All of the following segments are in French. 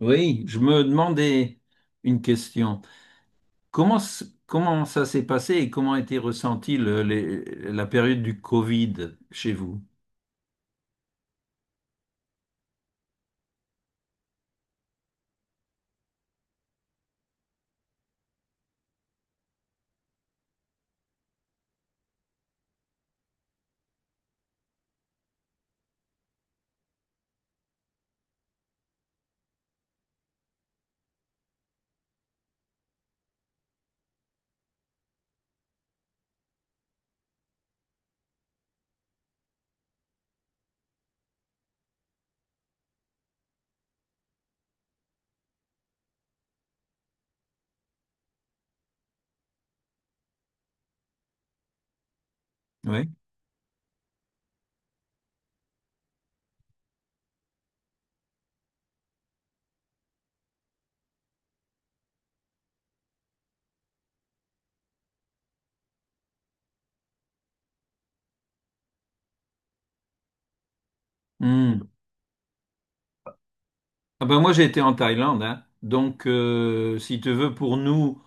Oui, je me demandais une question. Comment, comment ça s'est passé et comment a été ressentie la période du Covid chez vous? Oui. Hmm. Ah ben moi j'ai été en Thaïlande, hein. Donc si tu veux, pour nous,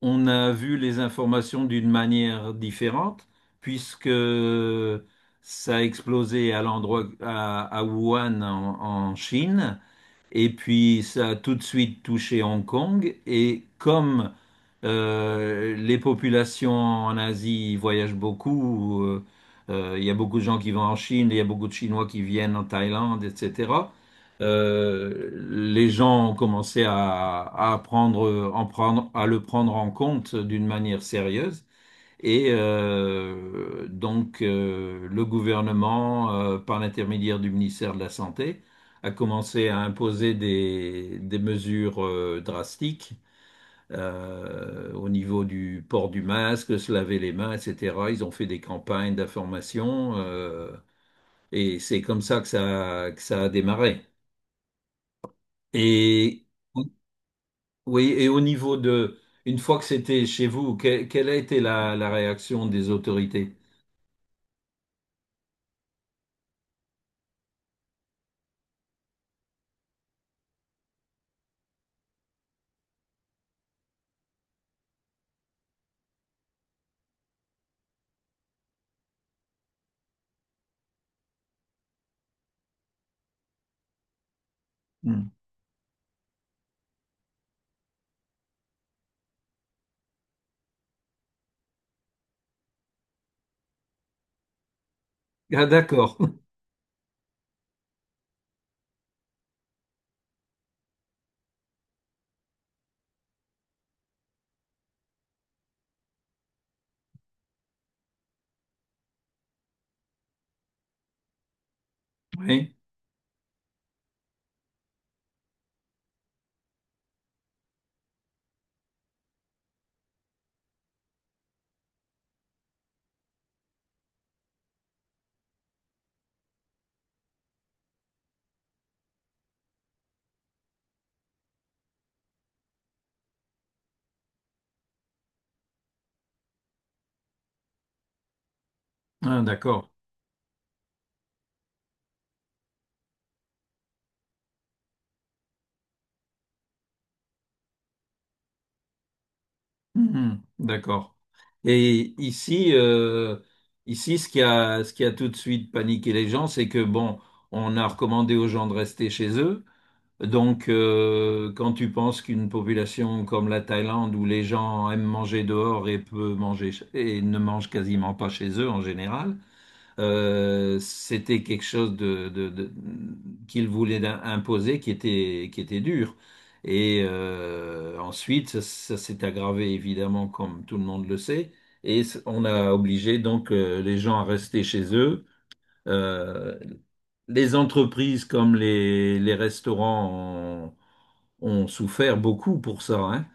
on a vu les informations d'une manière différente, puisque ça a explosé à l'endroit à Wuhan en Chine, et puis ça a tout de suite touché Hong Kong, et comme les populations en Asie voyagent beaucoup. Il y a beaucoup de gens qui vont en Chine, il y a beaucoup de Chinois qui viennent en Thaïlande, etc. Les gens ont commencé à le prendre en compte d'une manière sérieuse. Et donc, le gouvernement, par l'intermédiaire du ministère de la Santé, a commencé à imposer des mesures drastiques au niveau du port du masque, se laver les mains, etc. Ils ont fait des campagnes d'information et c'est comme ça que ça a démarré. Et oui, et au niveau de, une fois que c'était chez vous, quelle a été la réaction des autorités? Hmm. Ah, d'accord. Oui. Ah, d'accord. Mhm. D'accord. Et ici, ce qui a tout de suite paniqué les gens, c'est que bon, on a recommandé aux gens de rester chez eux. Donc, quand tu penses qu'une population comme la Thaïlande, où les gens aiment manger dehors et peu manger et ne mangent quasiment pas chez eux en général, c'était quelque chose qu'il voulait imposer qui était dur. Et ensuite, ça s'est aggravé évidemment, comme tout le monde le sait. Et on a obligé donc les gens à rester chez eux. Euh, les entreprises comme les restaurants ont souffert beaucoup pour ça, hein.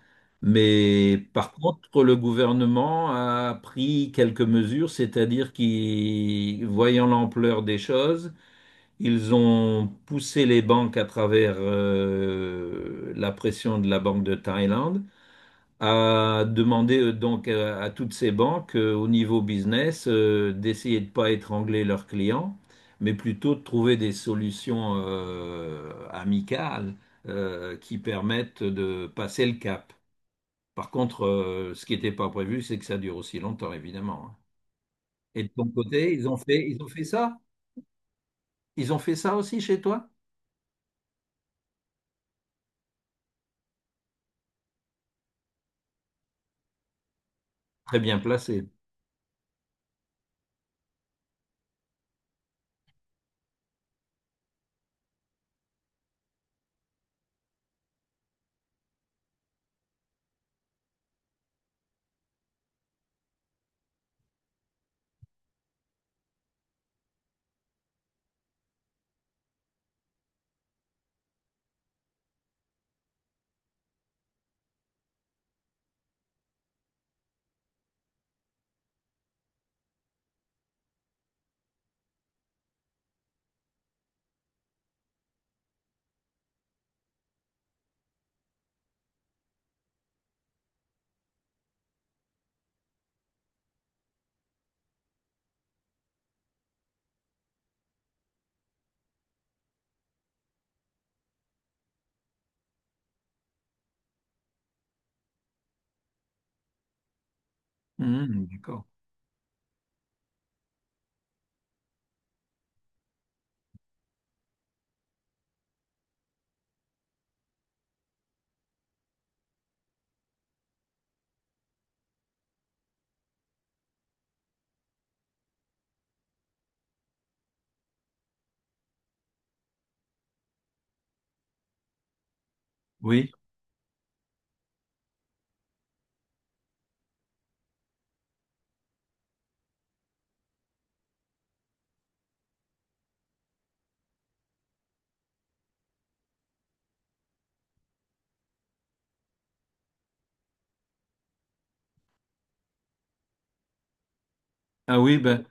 Mais par contre, le gouvernement a pris quelques mesures, c'est-à-dire qu'ils, voyant l'ampleur des choses, ils ont poussé les banques à travers la pression de la Banque de Thaïlande à demander donc à toutes ces banques au niveau business d'essayer de ne pas étrangler leurs clients, mais plutôt de trouver des solutions amicales qui permettent de passer le cap. Par contre, ce qui n'était pas prévu, c'est que ça dure aussi longtemps, évidemment, hein. Et de ton côté, ils ont fait ça? Ils ont fait ça aussi chez toi? Très bien placé. Mhm, d'accord. Oui. Ah oui, ben.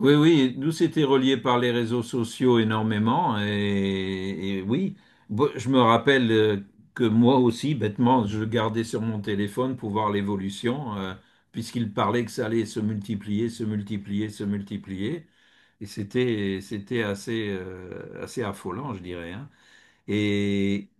Oui, oui, nous c'était relié par les réseaux sociaux énormément et, oui, je me rappelle que moi aussi, bêtement, je gardais sur mon téléphone pour voir l'évolution, puisqu'il parlait que ça allait se multiplier, se multiplier, se multiplier, et c'était assez assez affolant, je dirais, hein. Et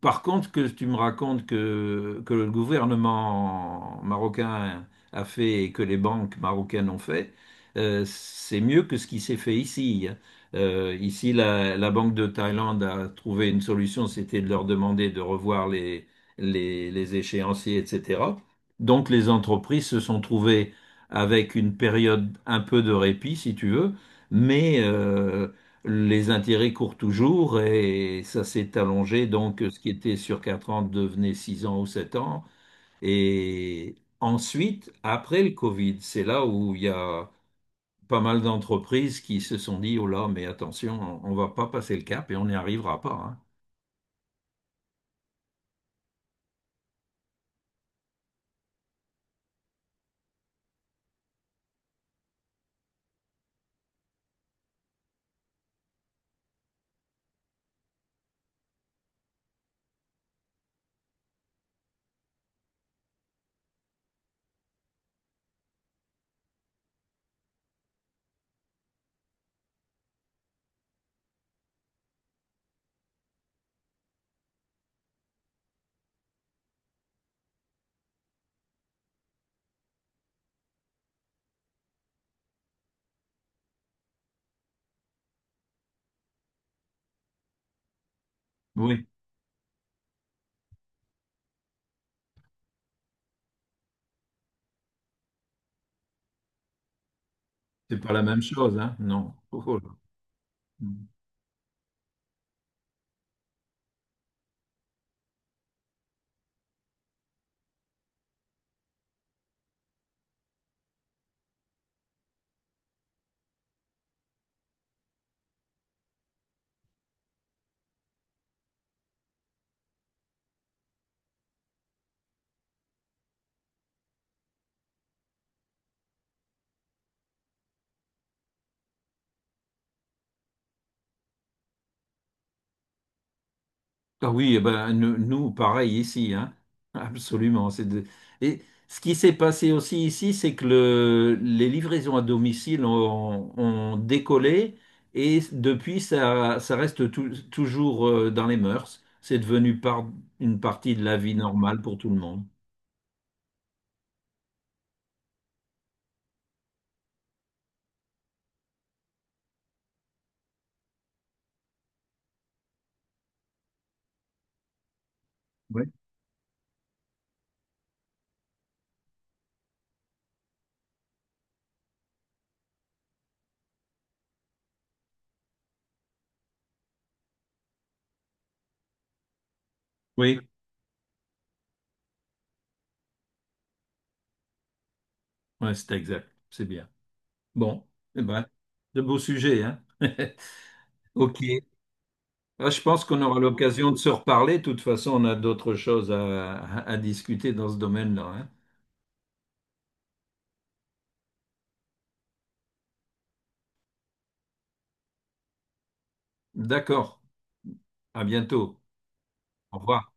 par contre, que tu me racontes que le gouvernement marocain a fait et que les banques marocaines ont fait, c'est mieux que ce qui s'est fait ici, hein. Ici, la Banque de Thaïlande a trouvé une solution, c'était de leur demander de revoir les échéanciers, etc. Donc, les entreprises se sont trouvées avec une période un peu de répit, si tu veux, mais les intérêts courent toujours et ça s'est allongé. Donc, ce qui était sur 4 ans devenait 6 ans ou 7 ans. Et ensuite, après le Covid, c'est là où il y a pas mal d'entreprises qui se sont dit, oh là, mais attention, on ne va pas passer le cap et on n'y arrivera pas, hein. Oui, c'est pas la même chose, hein? Non. Oh oh là. Ah oui, eh ben, nous, nous, pareil ici, hein. Absolument. Et ce qui s'est passé aussi ici, c'est que les livraisons à domicile ont décollé et depuis, ça reste toujours dans les mœurs. C'est devenu une partie de la vie normale pour tout le monde. Oui. Oui, ouais, c'est exact. C'est bien. Bon, eh ben, de beaux sujets, hein. Ok. Ah, je pense qu'on aura l'occasion de se reparler. De toute façon, on a d'autres choses à, discuter dans ce domaine-là, hein. D'accord. À bientôt. Au revoir.